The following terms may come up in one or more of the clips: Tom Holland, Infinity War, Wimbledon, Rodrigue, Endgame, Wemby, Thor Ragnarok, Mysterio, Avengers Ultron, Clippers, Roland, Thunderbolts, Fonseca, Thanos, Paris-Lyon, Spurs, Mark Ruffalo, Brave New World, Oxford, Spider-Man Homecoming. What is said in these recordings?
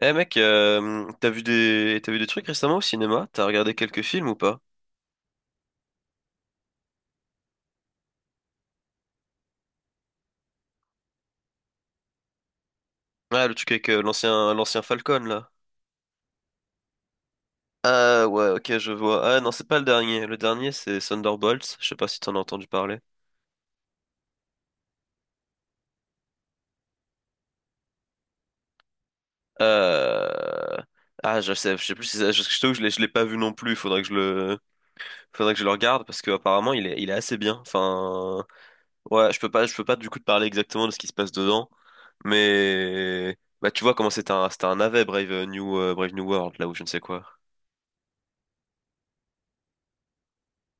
Eh mec, t'as vu des trucs récemment au cinéma? T'as regardé quelques films ou pas? Ah, le truc avec l'ancien Falcon là. Ah ouais, ok, je vois. Ah non, c'est pas le dernier. Le dernier, c'est Thunderbolts. Je sais pas si t'en as entendu parler. Euh... Ah, je sais plus si ça- je t'avoue, je l'ai pas vu non plus. Faudrait que je le regarde parce que apparemment il est assez bien. Enfin, ouais, je peux pas du coup te parler exactement de ce qui se passe dedans, mais bah tu vois comment c'était un navet Brave New Brave New World là où je ne sais quoi.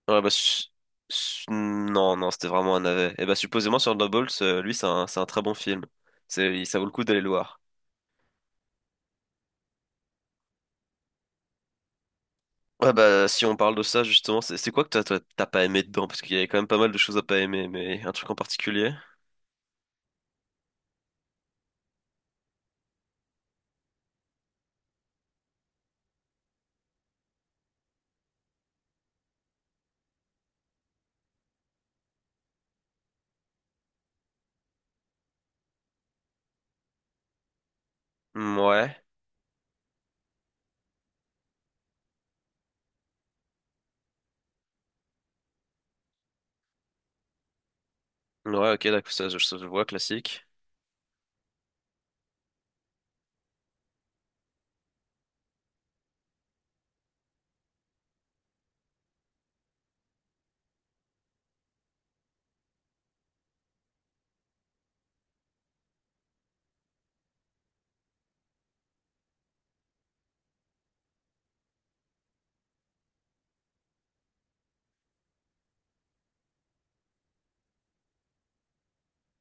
Ouais, bah, su- non, non, c'était vraiment un navet. Et bah, supposément, sur Nobles, lui, c'est un très bon film. Ça vaut le coup d'aller le voir. Ouais, bah, si on parle de ça, justement, c'est quoi que toi, t'as pas aimé dedans? Parce qu'il y avait quand même pas mal de choses à pas aimer, mais un truc en particulier? Hmm, ouais. Ouais, ok, d'accord, ça, je vois, classique.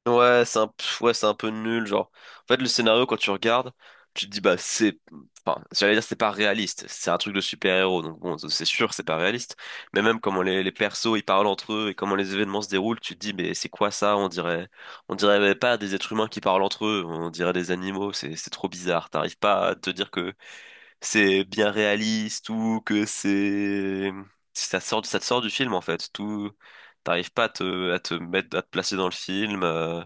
Ouais, c'est un peu nul, genre. En fait, le scénario, quand tu regardes, tu te dis, enfin, j'allais dire, c'est pas réaliste. C'est un truc de super-héros, donc bon, c'est sûr, que c'est pas réaliste. Mais même comment les persos, ils parlent entre eux et comment les événements se déroulent, tu te dis, mais c'est quoi ça? On dirait pas des êtres humains qui parlent entre eux, on dirait des animaux, c'est trop bizarre. T'arrives pas à te dire que c'est bien réaliste ou que c'est, ça sort, ça te sort du film, en fait. T'arrives pas à te mettre, à te placer dans le film.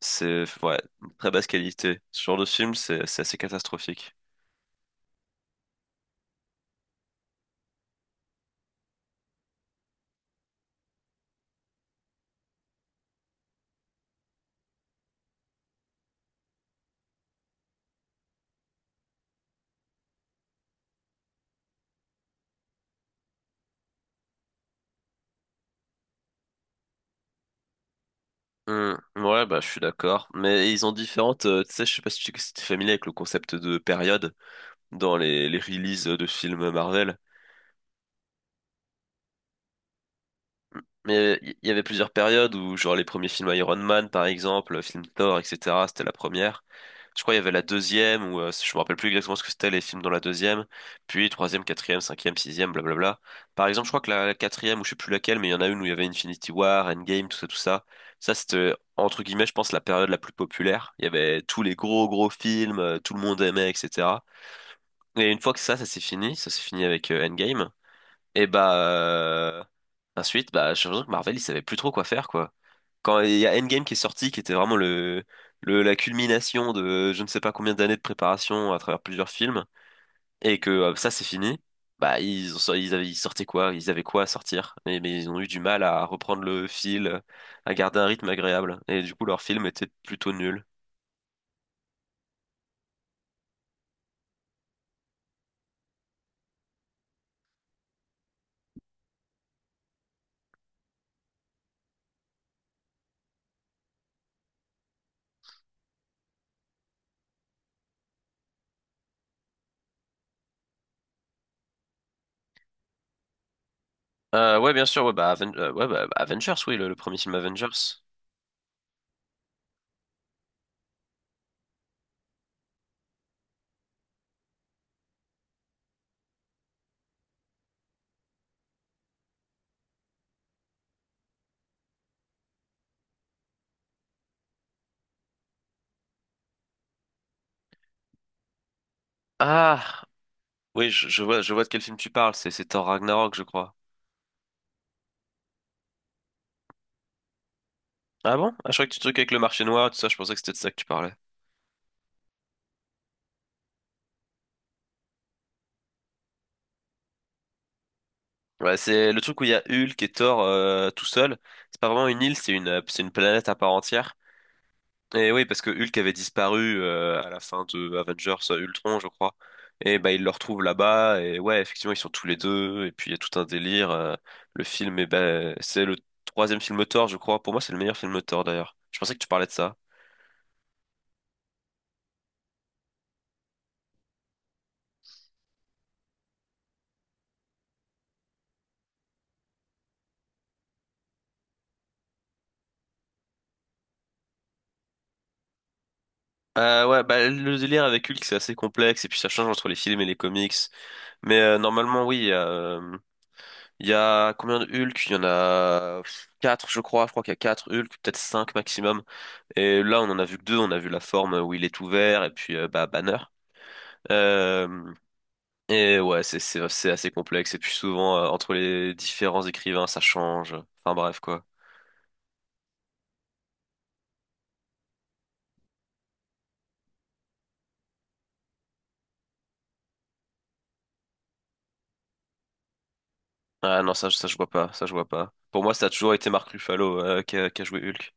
C'est ouais, une très basse qualité. Ce genre de film, c'est assez catastrophique. Hmm, ouais, bah je suis d'accord. Mais ils ont différentes. Tu sais, je sais pas si tu es familier avec le concept de période dans les releases de films Marvel. Mais il y avait plusieurs périodes où, genre, les premiers films Iron Man, par exemple, le film Thor, etc., c'était la première. Je crois qu'il y avait la deuxième, ou je me rappelle plus exactement ce que c'était les films dans la deuxième, puis troisième, quatrième, cinquième, sixième, blablabla. Par exemple, je crois que la quatrième, ou je sais plus laquelle, mais il y en a une où il y avait Infinity War, Endgame, tout ça, tout ça. Ça, c'était, entre guillemets, je pense, la période la plus populaire. Il y avait tous les gros, gros films, tout le monde aimait, etc. Et une fois que ça s'est fini avec Endgame. Et bah ensuite, bah j'ai l'impression que Marvel, ils savaient plus trop quoi faire quoi. Quand il y a Endgame qui est sorti, qui était vraiment le la culmination de je ne sais pas combien d'années de préparation à travers plusieurs films, et que ça c'est fini, bah ils avaient ils sortaient quoi? Ils avaient quoi à sortir? Mais ils ont eu du mal à reprendre le fil, à garder un rythme agréable, et du coup leur film était plutôt nul. Ouais bien sûr, Avengers, oui le premier film Avengers. Ah oui je vois de quel film tu parles, c'est Thor Ragnarok je crois. Ah bon? Ah, je croyais que tu truc avec le marché noir, tout ça, je pensais que c'était de ça que tu parlais. Ouais, c'est le truc où il y a Hulk et Thor tout seul. C'est pas vraiment une île, c'est une planète à part entière. Et oui, parce que Hulk avait disparu à la fin de Avengers Ultron, je crois. Et bah ils le retrouvent là-bas, et ouais, effectivement, ils sont tous les deux, et puis il y a tout un délire. Le film, eh ben, c'est le troisième film Thor, je crois. Pour moi, c'est le meilleur film Thor, d'ailleurs. Je pensais que tu parlais de ça. Ouais, bah, le délire avec Hulk, c'est assez complexe, et puis ça change entre les films et les comics. Mais normalement, oui. Il y a combien de Hulk? Il y en a quatre, je crois. Je crois qu'il y a quatre Hulk, peut-être cinq maximum. Et là, on en a vu que deux. On a vu la forme où il est ouvert et puis bah, Banner. Euh, et ouais, c'est assez complexe. Et puis souvent, entre les différents écrivains, ça change. Enfin bref, quoi. Ah non, ça je vois pas. Ça je vois pas. Pour moi, ça a toujours été Mark Ruffalo qui a joué Hulk.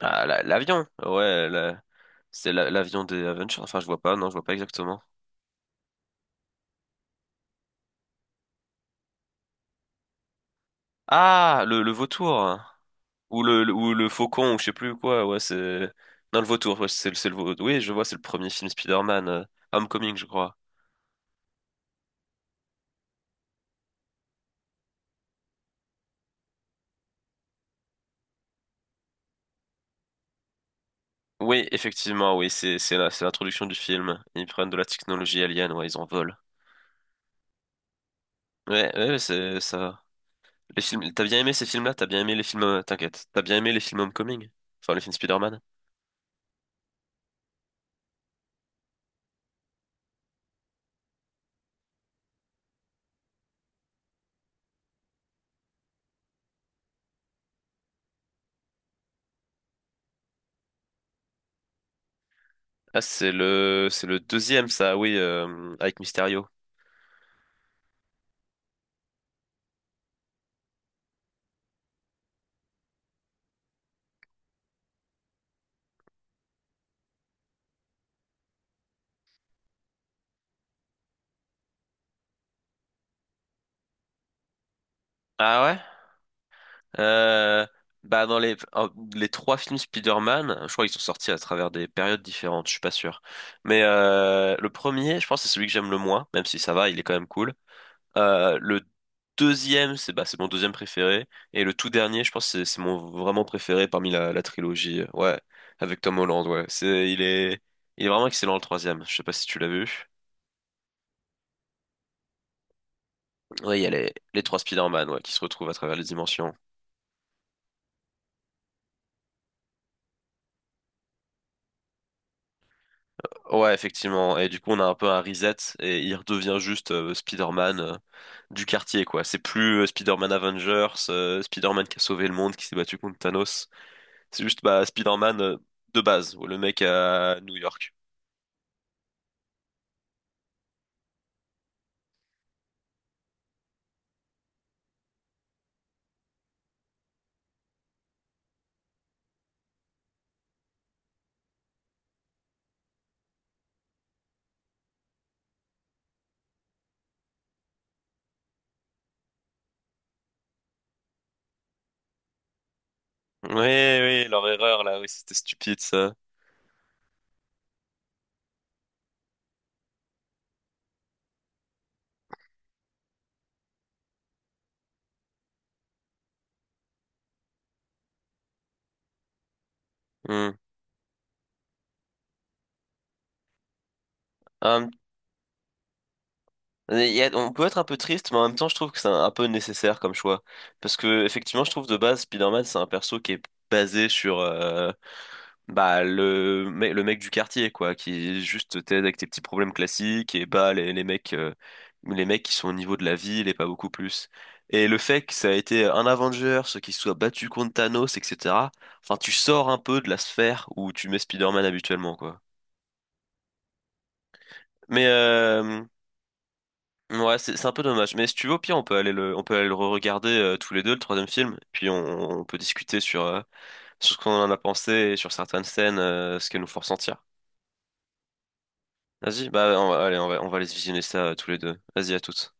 Ah, la- l'avion. C'est la- l'avion des Avengers. Enfin, je vois pas, non, je vois pas exactement. Ah, le vautour. Ou le faucon, ou je sais plus quoi. Ouais, c'est. Non, le vautour, ouais, c'est le vautour. Oui, je vois, c'est le premier film Spider-Man. Homecoming, je crois. Oui, effectivement, oui, c'est l'introduction du film. Ils prennent de la technologie alien, ouais, ils en volent. Ouais, ouais, ouais, c'est ça. Les films, t'as bien aimé ces films-là? T'as bien aimé les films, t'inquiète. T'as bien aimé les films Homecoming? Enfin, les films Spider-Man? Ah, c'est le deuxième, ça, oui, avec Mysterio. Ah ouais? Euh, bah dans les trois films Spider-Man, je crois qu'ils sont sortis à travers des périodes différentes, je suis pas sûr. Mais le premier, je pense, c'est celui que j'aime le moins, même si ça va, il est quand même cool. Le deuxième, c'est bah, c'est mon deuxième préféré. Et le tout dernier, je pense, que c'est mon vraiment préféré parmi la trilogie. Ouais, avec Tom Holland, ouais. Il est vraiment excellent le troisième. Je sais pas si tu l'as vu. Ouais, il y a les trois Spider-Man, ouais, qui se retrouvent à travers les dimensions. Ouais, effectivement. Et du coup, on a un peu un reset et il redevient juste Spider-Man du quartier, quoi. C'est plus Spider-Man Avengers, Spider-Man qui a sauvé le monde, qui s'est battu contre Thanos. C'est juste bah, Spider-Man de base, le mec à New York. Oui, oui, leur erreur là, oui, c'était stupide ça. Hmm. Hum, il y a- on peut être un peu triste, mais en même temps, je trouve que c'est un peu nécessaire comme choix. Parce que, effectivement, je trouve de base, Spider-Man, c'est un perso qui est basé sur bah, le mec du quartier, quoi, qui juste t'aide avec tes petits problèmes classiques et bah, les mecs qui sont au niveau de la ville et pas beaucoup plus. Et le fait que ça a été un Avengers qui se soit battu contre Thanos, etc. Enfin, tu sors un peu de la sphère où tu mets Spider-Man habituellement, quoi. Mais ouais, c'est un peu dommage. Mais si tu veux, au pire, on peut aller le re-regarder tous les deux, le troisième film. Puis on peut discuter sur, sur ce qu'on en a pensé et sur certaines scènes, ce qu'elles nous font ressentir. Vas-y, bah on va, allez, on va aller se visionner ça tous les deux. Vas-y, à toutes.